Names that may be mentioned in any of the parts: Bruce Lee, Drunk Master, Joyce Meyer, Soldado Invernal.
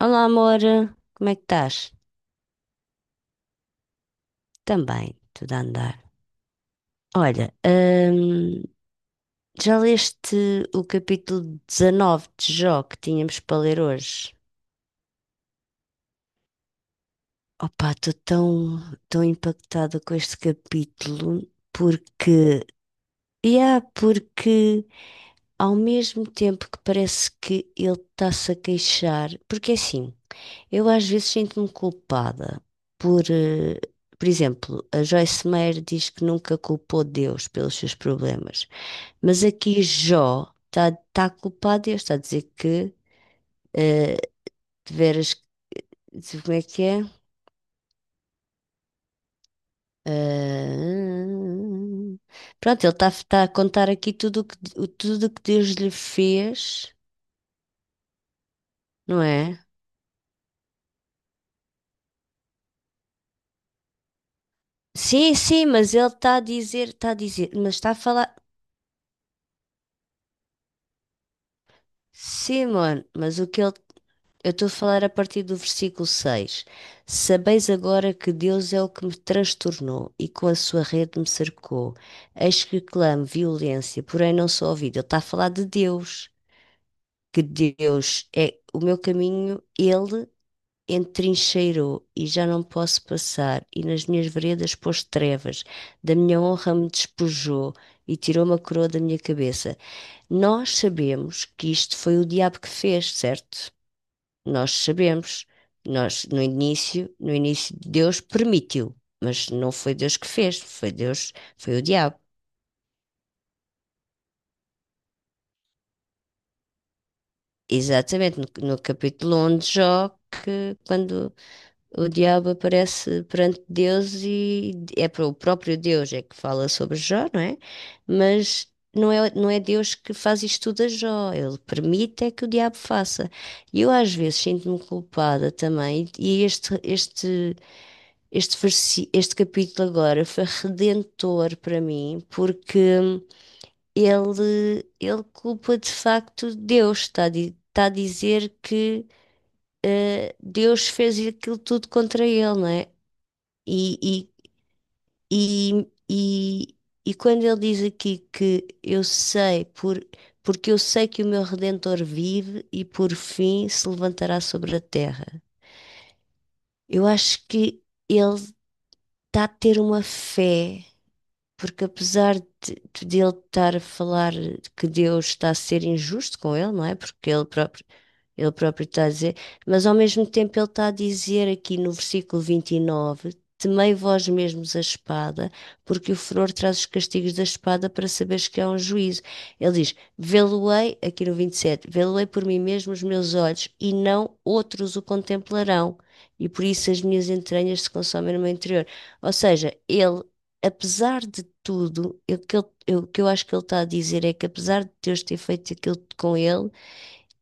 Olá, amor, como é que estás? Também, tudo a andar. Olha, já leste o capítulo 19 de Jó que tínhamos para ler hoje? Opa, estou tão, tão impactada com este capítulo porque, yeah, porque ao mesmo tempo que parece que ele está-se a queixar, porque é assim, eu às vezes sinto-me culpada por, eh, por exemplo, a Joyce Meyer diz que nunca culpou Deus pelos seus problemas, mas aqui Jó está a culpar Deus, está a dizer que eh, de veras, como é que é? Ah, pronto, ele está a contar aqui tudo o que Deus lhe fez, não é? Sim, sim, mas ele está a dizer, mas está a falar. Sim, mano, mas o que ele. Eu estou a falar a partir do versículo 6. Sabeis agora que Deus é o que me transtornou e com a sua rede me cercou. Eis que clamo violência, porém não sou ouvido. Ele está a falar de Deus, que Deus é o meu caminho, ele entrincheirou e já não posso passar, e nas minhas veredas pôs trevas, da minha honra me despojou e tirou uma coroa da minha cabeça. Nós sabemos que isto foi o diabo que fez, certo? Nós sabemos. Nós, no início, Deus permitiu, mas não foi Deus que fez, foi Deus, foi o diabo. Exatamente, no capítulo 1 de Jó, que quando o diabo aparece perante Deus e é para o próprio Deus é que fala sobre Jó, não é? Mas não é Deus que faz isto tudo a Jó, ele permite é que o diabo faça. E eu às vezes sinto-me culpada também, e este capítulo agora foi redentor para mim, porque ele culpa de facto Deus, está a dizer que Deus fez aquilo tudo contra ele, não é? E, e, e, e, e quando ele diz aqui que eu sei, porque eu sei que o meu Redentor vive e por fim se levantará sobre a terra, eu acho que ele está a ter uma fé. Porque apesar de ele estar a falar que Deus está a ser injusto com ele, não é? Porque ele próprio está a dizer, mas ao mesmo tempo ele está a dizer aqui no versículo 29 Temei vós mesmos a espada, porque o furor traz os castigos da espada para saberes que há um juízo. Ele diz, Vê-lo-ei, aqui no 27 Vê-lo-ei por mim mesmo os meus olhos, e não outros o contemplarão, e por isso as minhas entranhas se consomem no meu interior. Ou seja, ele apesar de tudo, o que eu acho que ele está a dizer é que apesar de Deus ter feito aquilo com ele,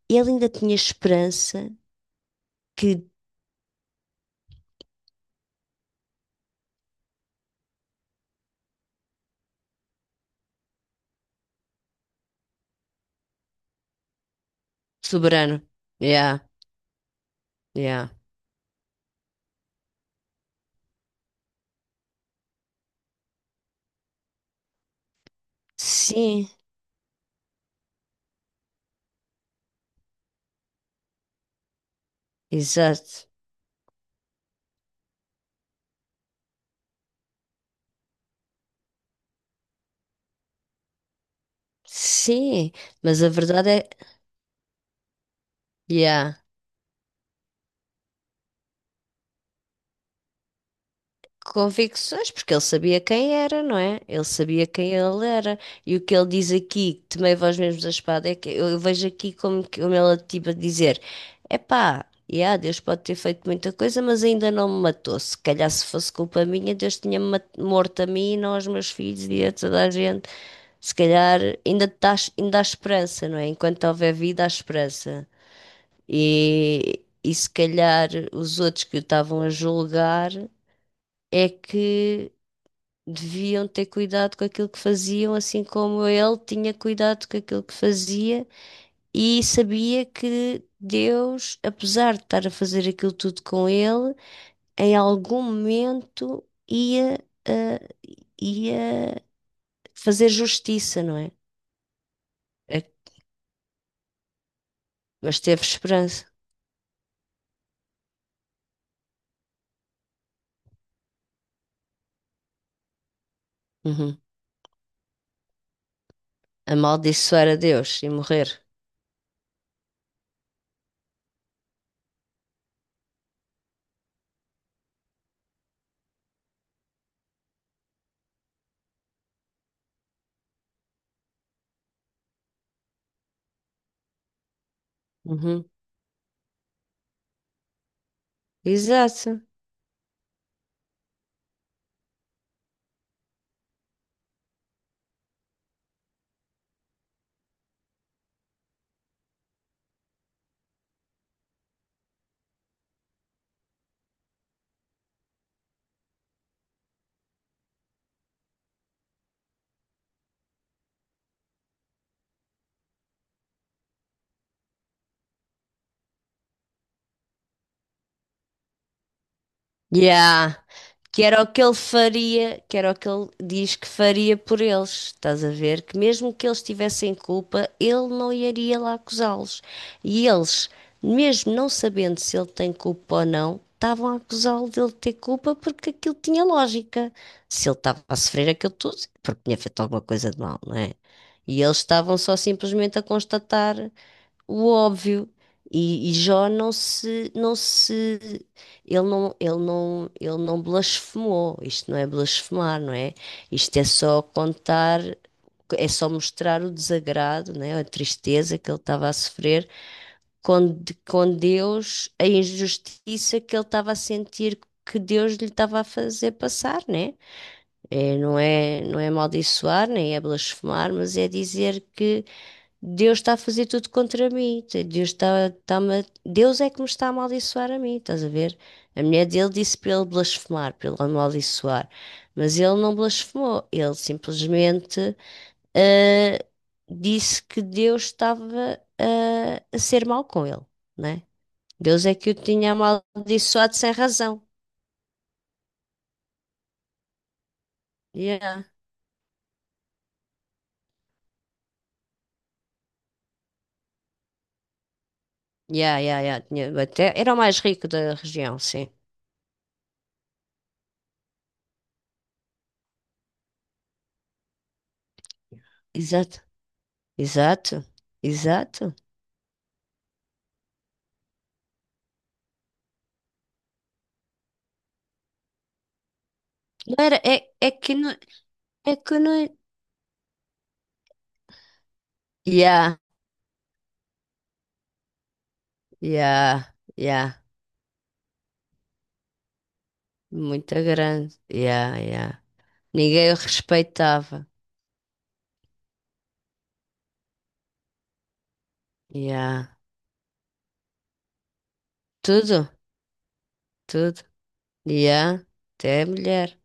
ele ainda tinha esperança que. Soberano. Yeah, yeah, Sim, exato. Sim, mas a verdade é. Yeah. Convicções, porque ele sabia quem era, não é? Ele sabia quem ele era. E o que ele diz aqui, tomei vós mesmos a espada, é que eu vejo aqui como ele tipo a dizer: epá, yeah, Deus pode ter feito muita coisa, mas ainda não me matou. Se calhar se fosse culpa minha, Deus tinha-me morto a mim, e não aos meus filhos e a toda a gente. Se calhar tás, ainda há esperança, não é? Enquanto houver vida, há esperança. E se calhar os outros que o estavam a julgar é que deviam ter cuidado com aquilo que faziam, assim como ele tinha cuidado com aquilo que fazia e sabia que Deus, apesar de estar a fazer aquilo tudo com ele, em algum momento ah, ia fazer justiça, não é? É- Mas teve esperança. Uhum. Amaldiçoar a Deus e morrer. Uhum. Exato. Yeah. Que era o que ele faria, que era o que ele diz que faria por eles. Estás a ver? Que mesmo que eles tivessem culpa, ele não iria lá acusá-los. E eles, mesmo não sabendo se ele tem culpa ou não, estavam a acusá-lo dele ter culpa porque aquilo tinha lógica. Se ele estava a sofrer aquilo tudo, é porque tinha feito alguma coisa de mal, não é? E eles estavam só simplesmente a constatar o óbvio. E Jó não se, não se, ele não, ele não, ele não blasfemou. Isto não é blasfemar, não é? Isto é só contar, é só mostrar o desagrado, né? A tristeza que ele estava a sofrer com Deus, a injustiça que ele estava a sentir que Deus lhe estava a fazer passar, né? É, não é amaldiçoar, nem é blasfemar, mas é dizer que Deus está a fazer tudo contra mim. Deus é que me está a amaldiçoar a mim, estás a ver? A mulher dele disse para ele blasfemar, para ele amaldiçoar. Mas ele não blasfemou. Ele simplesmente ah, disse que Deus estava a ser mau com ele, né? Deus é que o tinha amaldiçoado sem razão. Yeah. Yeah, yeah, yeah. Tinha, até, era o mais rico da região, sim. Exato. Exato. Exato. Não era, é que não, É que Ekonomi. Yeah, yeah, yeah. Muito grande. Yeah, yeah. Ninguém o respeitava. Yeah. Tudo, tudo. Yeah. Até a mulher.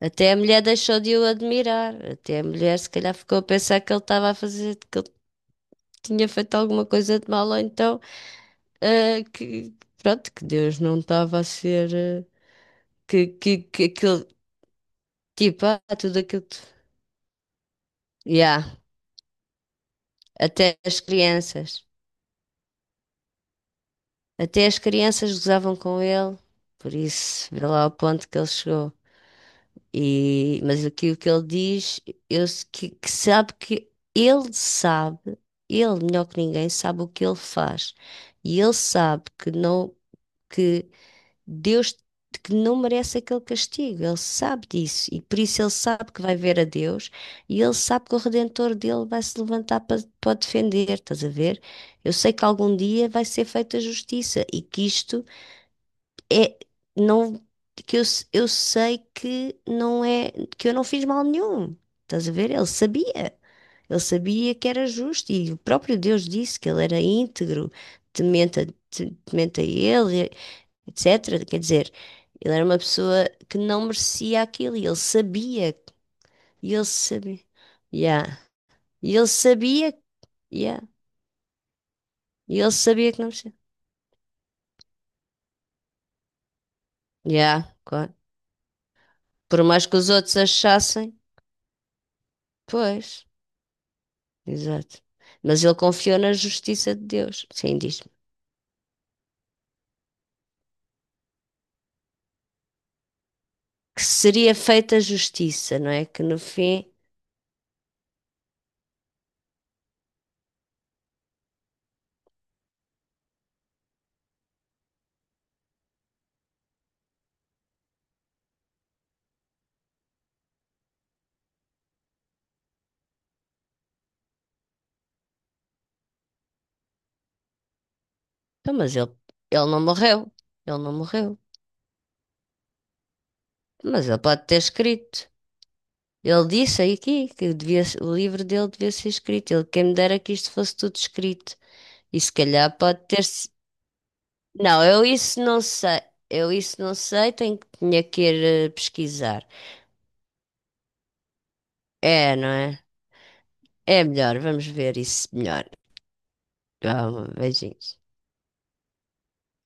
Até a mulher deixou de o admirar. Até a mulher, se calhar, ficou a pensar que ele estava a fazer, que ele tinha feito alguma coisa de mal, ou então, que, pronto, que Deus não estava a ser, que aquilo, tipo, tudo aquilo. Que Yeah. Até as crianças. Até as crianças gozavam com ele, por isso, vê lá o ponto que ele chegou. Mas aqui o que ele diz, que sabe que ele sabe, ele melhor que ninguém sabe o que ele faz. E ele sabe que não, que Deus que não merece aquele castigo. Ele sabe disso. E por isso ele sabe que vai ver a Deus e ele sabe que o Redentor dele vai se levantar para o defender. Estás a ver? Eu sei que algum dia vai ser feita justiça e que isto é, não, que eu sei que não é, que eu não fiz mal nenhum. Estás a ver? Ele sabia. Ele sabia que era justo e o próprio Deus disse que ele era íntegro, temente temente a ele, etc. Quer dizer, ele era uma pessoa que não merecia aquilo e ele sabia, yeah. E ele sabia, yeah. E ele sabia que não merecia. Yeah, claro. Por mais que os outros achassem, pois. Exato. Mas ele confiou na justiça de Deus. Sim, diz-me. Que seria feita justiça, não é? Que no fim. Então, mas ele não morreu. Ele não morreu. Mas ele pode ter escrito. Ele disse aí aqui que devia, o livro dele devia ser escrito. Ele, quem me dera que isto fosse tudo escrito. E se calhar pode ter. Não, eu isso não sei. Eu isso não sei. Tinha que ir pesquisar. É, não é? É melhor. Vamos ver isso melhor. Calma, beijinhos.